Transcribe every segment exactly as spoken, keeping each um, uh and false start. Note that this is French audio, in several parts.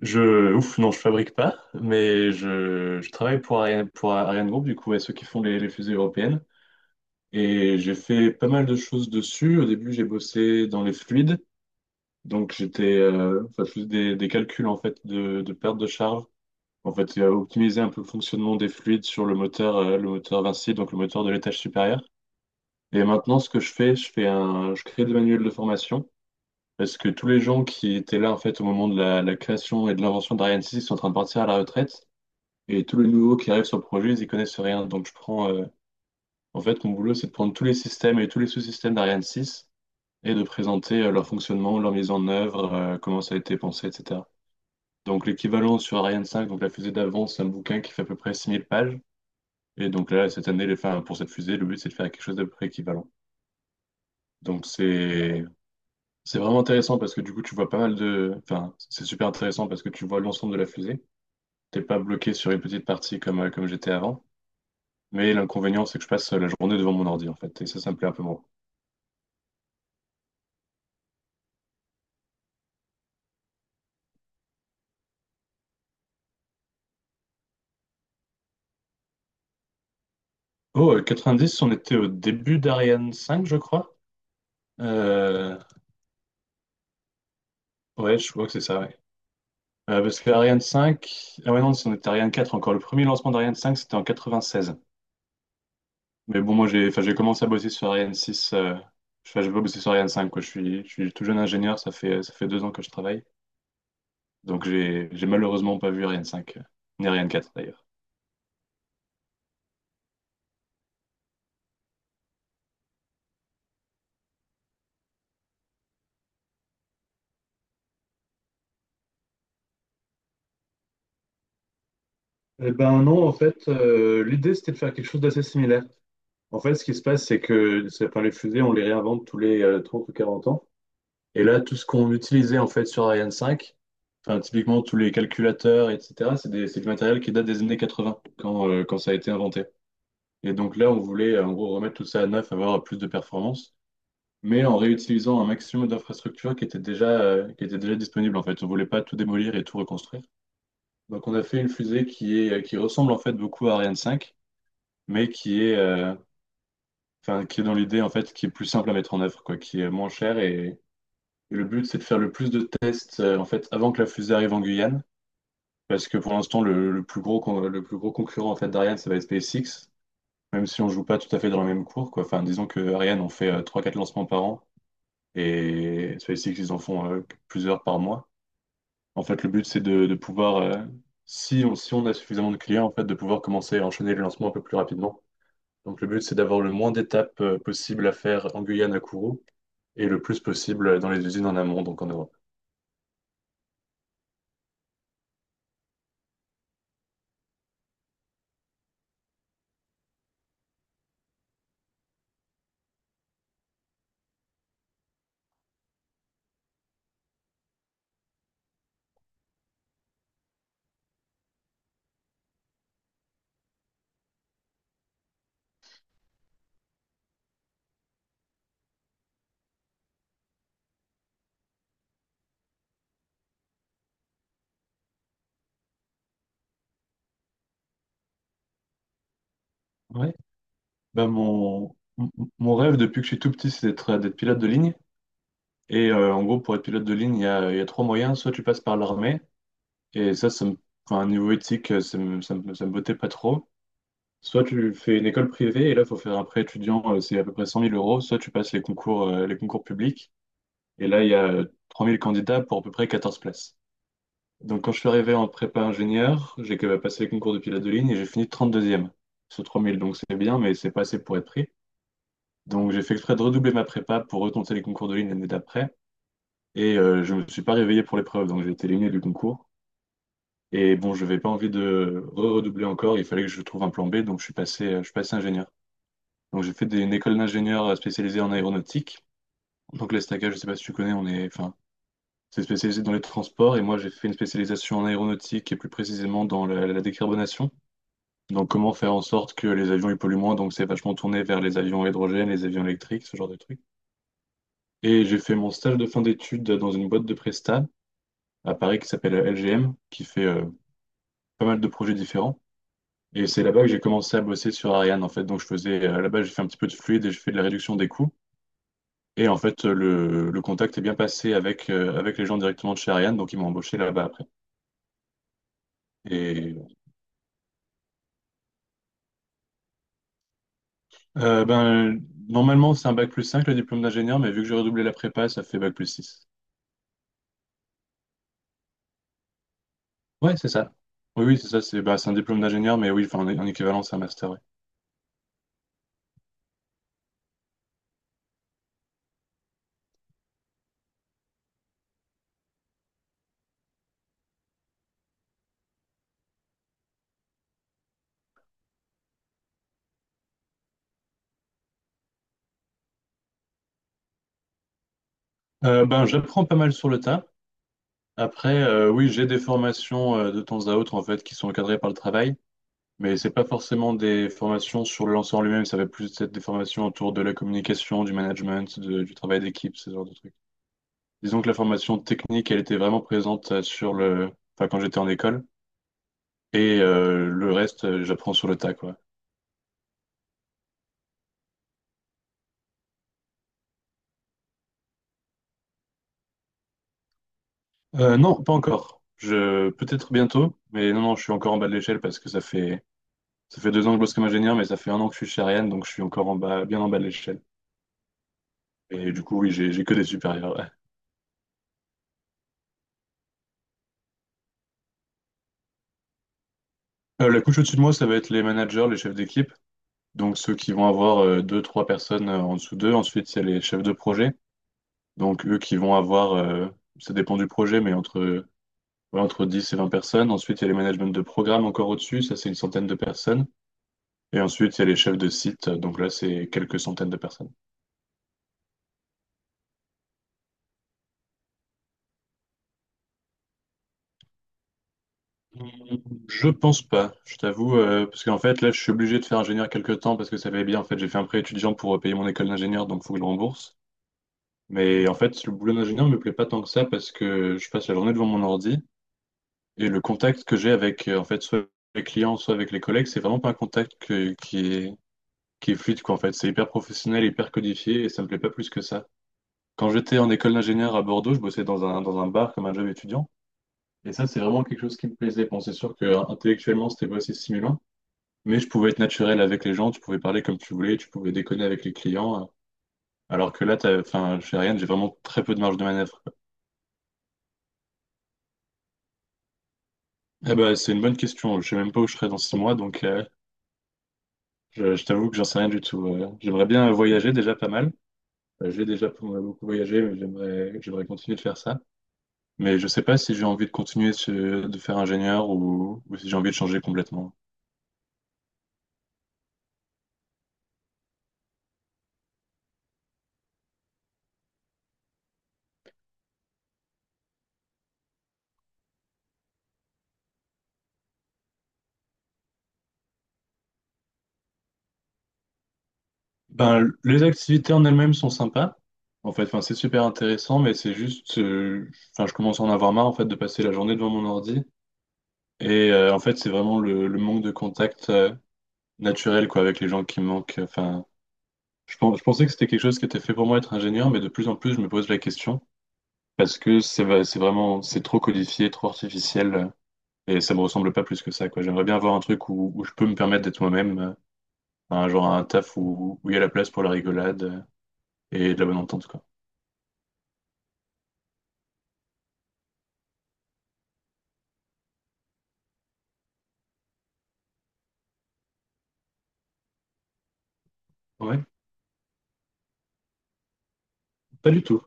Je, ouf, non, je fabrique pas, mais je, je travaille pour Ariane, pour Ariane Group, du coup, à ceux qui font les, les fusées européennes. Et j'ai fait pas mal de choses dessus. Au début, j'ai bossé dans les fluides. Donc, j'étais, euh, enfin, je faisais des, des calculs, en fait, de, de perte de charge. En fait, euh, optimiser un peu le fonctionnement des fluides sur le moteur, euh, le moteur Vinci, donc le moteur de l'étage supérieur. Et maintenant, ce que je fais, je fais un, je crée des manuels de formation. Parce que tous les gens qui étaient là, en fait, au moment de la, la création et de l'invention d'Ariane six sont en train de partir à la retraite. Et tous les nouveaux qui arrivent sur le projet, ils y connaissent rien. Donc je prends, euh, en fait, mon boulot, c'est de prendre tous les systèmes et tous les sous-systèmes d'Ariane six et de présenter euh, leur fonctionnement, leur mise en œuvre, euh, comment ça a été pensé, et cetera. Donc l'équivalent sur Ariane cinq, donc la fusée d'avance, c'est un bouquin qui fait à peu près six mille pages. Et donc là, cette année, les, enfin, pour cette fusée, le but, c'est de faire quelque chose d'à peu près équivalent. Donc c'est c'est vraiment intéressant parce que du coup, tu vois pas mal de... Enfin, c'est super intéressant parce que tu vois l'ensemble de la fusée. T'es pas bloqué sur une petite partie comme, euh, comme j'étais avant. Mais l'inconvénient, c'est que je passe la journée devant mon ordi, en fait. Et ça, ça me plaît un peu moins. Oh, euh, quatre-vingt-dix, on était au début d'Ariane cinq, je crois. Euh, Ouais, je crois que c'est ça, ouais. Euh, parce que Ariane cinq... Ah ouais, non, on était à Ariane quatre encore. Le premier lancement d'Ariane cinq, c'était en quatre-vingt-seize. Mais bon, moi, j'ai enfin, j'ai commencé à bosser sur Ariane six. Euh... Enfin, j'ai pas bossé sur Ariane cinq, quoi. Je suis, je suis tout jeune ingénieur, ça fait, ça fait deux ans que je travaille. Donc, j'ai j'ai malheureusement pas vu Ariane cinq euh, ni Ariane quatre, d'ailleurs. Eh ben non, en fait, euh, l'idée c'était de faire quelque chose d'assez similaire. En fait, ce qui se passe, c'est que c'est- enfin, les fusées, on les réinvente tous les euh, trente ou quarante ans. Et là, tout ce qu'on utilisait en fait sur Ariane cinq, enfin, typiquement tous les calculateurs, et cetera, c'est des- c'est du matériel qui date des années quatre-vingt, quand, euh, quand ça a été inventé. Et donc là, on voulait euh, en gros remettre tout ça à neuf, avoir plus de performance, mais en réutilisant un maximum d'infrastructures qui étaient déjà, euh, qui étaient déjà disponibles en fait. On voulait pas tout démolir et tout reconstruire. Donc on a fait une fusée qui est, euh, qui ressemble en fait beaucoup à Ariane cinq, mais qui est, euh, enfin, qui est dans l'idée en fait, qui est plus simple à mettre en œuvre, quoi, qui est moins cher. Et, et le but, c'est de faire le plus de tests euh, en fait avant que la fusée arrive en Guyane, parce que pour l'instant, le, le plus gros, con- le plus gros concurrent en fait d'Ariane, ça va être SpaceX, même si on joue pas tout à fait dans la même cour, quoi. Enfin, disons que Ariane, on fait euh, trois quatre lancements par an, et SpaceX, ils en font euh, plusieurs par mois. En fait, le but, c'est de, de pouvoir, euh, si on, si on a suffisamment de clients, en fait, de pouvoir commencer à enchaîner les lancements un peu plus rapidement. Donc, le but, c'est d'avoir le moins d'étapes euh, possible à faire en Guyane à Kourou et le plus possible dans les usines en amont, donc en Europe. Ouais. Bah, mon, mon mon rêve depuis que je suis tout petit, c'est d'être euh, d'être pilote de ligne. Et euh, en gros, pour être pilote de ligne, il y a, il y a trois moyens. Soit tu passes par l'armée, et ça, ça me, enfin, niveau éthique, euh, ça me, ça me, ça me bottait pas trop. Soit tu fais une école privée, et là, il faut faire un prêt étudiant, euh, c'est à peu près cent mille euros. Soit tu passes les concours, euh, les concours publics, et là, il y a euh, trois mille candidats pour à peu près quatorze places. Donc, quand je suis arrivé en prépa ingénieur, j'ai que- passé le concours de pilote de ligne et j'ai fini trente deuxième sur trois mille. Donc, c'est bien, mais c'est pas assez pour être pris. Donc, j'ai fait exprès de redoubler ma prépa pour retenter les concours de ligne l'année d'après. Et euh, je me suis pas réveillé pour l'épreuve, donc j'ai été éliminé du concours. Et bon, je n'avais pas envie de re-redoubler encore. Il fallait que je trouve un plan B, donc je suis passé, euh, je suis passé ingénieur. Donc, j'ai fait des- une école d'ingénieur euh, spécialisée en aéronautique. Donc, l'ESTACA, je sais pas si tu connais, on est, enfin, c'est spécialisé dans les transports. Et moi, j'ai fait une spécialisation en aéronautique et plus précisément dans la la décarbonation. Donc, comment faire en sorte que les avions ils polluent moins? Donc, c'est vachement tourné vers les avions à hydrogène, les avions électriques, ce genre de trucs. Et j'ai fait mon stage de fin d'études dans une boîte de prestat à Paris qui s'appelle L G M, qui fait euh, pas mal de projets différents. Et c'est là-bas que j'ai commencé à bosser sur Ariane, en fait. Donc, je faisais, euh, là-bas, j'ai fait un petit peu de fluide et je fais de la réduction des coûts. Et en fait, euh, le, le contact est bien passé avec, euh, avec les gens directement de chez Ariane, donc ils m'ont embauché là-bas après. Et euh, ben, normalement, c'est un bac plus cinq le diplôme d'ingénieur, mais vu que j'ai redoublé la prépa, ça fait bac plus six. Ouais, c'est ça. Oui, oui, c'est ça. C'est bah, c'est un diplôme d'ingénieur, mais oui, enfin, en, en équivalent, c'est un master, ouais. Euh, ben, j'apprends pas mal sur le tas. Après, euh, oui, j'ai des formations euh, de temps à autre en fait qui sont encadrées par le travail, mais c'est pas forcément des formations sur le lanceur en lui-même. Ça va plus être des formations autour de la communication, du management, de- du travail d'équipe, ce genre de trucs. Disons que la formation technique, elle était vraiment présente euh, sur le, enfin, quand j'étais en école. Et euh, le reste, euh, j'apprends sur le tas, quoi. Euh, non, pas encore. Je, peut-être bientôt, mais non, non, je suis encore en bas de l'échelle parce que ça fait, ça fait deux ans que je bosse comme ingénieur, mais ça fait un an que je suis chez Ariane, donc je suis encore en bas, bien en bas de l'échelle. Et du coup, oui, j'ai, j'ai que des supérieurs, ouais. Euh, la couche au-dessus de moi, ça va être les managers, les chefs d'équipe, donc ceux qui vont avoir euh, deux, trois personnes euh, en dessous d'eux. Ensuite, il y a les chefs de projet, donc eux qui vont avoir, euh, ça dépend du projet, mais entre Ouais, entre dix et vingt personnes. Ensuite, il y a les managements de programme encore au-dessus, ça c'est une centaine de personnes. Et ensuite, il y a les chefs de site, donc là c'est quelques centaines de personnes. Hmm, je pense pas, je t'avoue, euh, parce qu'en fait là je suis obligé de faire ingénieur quelques temps parce que ça va bien. En fait, j'ai fait un prêt étudiant pour euh, payer mon école d'ingénieur, donc faut que je le rembourse. Mais en fait, le boulot d'ingénieur me plaît pas tant que ça parce que je passe la journée devant mon ordi et le contact que j'ai avec euh, en fait soit les clients, soit avec les collègues, c'est vraiment pas un contact que- qui est qui est fluide quoi. En fait, c'est hyper professionnel, hyper codifié et ça me plaît pas plus que ça. Quand j'étais en école d'ingénieur à Bordeaux, je bossais dans un, dans un bar comme un job étudiant. Et ça, c'est vraiment quelque chose qui me plaisait. Bon, c'est sûr que euh, intellectuellement, c'était pas assez stimulant, mais je pouvais être naturel avec les gens, tu pouvais parler comme tu voulais, tu pouvais déconner avec les clients. euh, Alors que là, t'as, enfin, chez Ryan, j'ai vraiment très peu de marge de manœuvre, quoi. Eh ben, c'est une bonne question. Je sais même pas où je serai dans six mois, donc euh, je, je t'avoue que j'en sais rien du tout. euh. J'aimerais bien voyager déjà pas mal. Euh, j'ai déjà beaucoup voyagé, mais j'aimerais, j'aimerais continuer de faire ça. Mais je sais pas si j'ai envie de continuer ce- de faire ingénieur ou, ou si j'ai envie de changer complètement. Ben, l- les activités en elles-mêmes sont sympas. En fait, enfin, c'est super intéressant, mais c'est juste, euh, enfin, je commence à en avoir marre en fait de passer la journée devant mon ordi. Et euh, en fait, c'est vraiment le, le manque de contact euh, naturel quoi avec les gens qui me manquent. Enfin, je, pen- je pensais que c'était quelque chose qui était fait pour moi être ingénieur, mais de plus en plus, je me pose la question parce que c'est va- c'est vraiment, c'est trop codifié, trop artificiel. Et ça me ressemble pas plus que ça, quoi. J'aimerais bien avoir un truc où, où je peux me permettre d'être moi-même, euh, un genre un taf où où il y a la place pour la rigolade euh, et de la bonne entente, quoi. Ouais, pas du tout.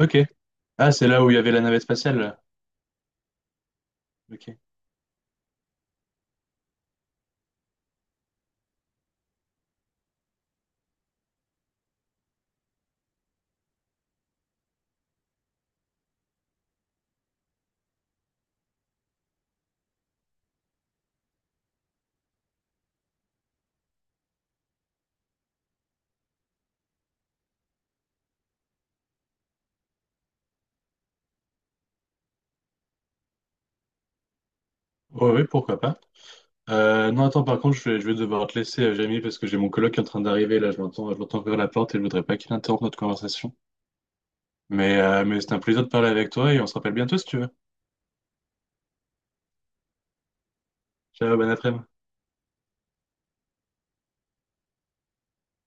Ok. Ah, c'est là où il y avait la navette spatiale. Ok. Ouais, ouais, pourquoi pas. Euh, non, attends, par contre, je vais, je vais devoir te laisser, euh, Jamie, parce que j'ai mon coloc qui est en train d'arriver, là, je l'entends, je l'entends ouvrir la porte et je voudrais pas qu'il interrompe notre conversation. Mais, euh, mais c'est un plaisir de parler avec toi et on se rappelle bientôt si tu veux. Ciao, bon après-midi.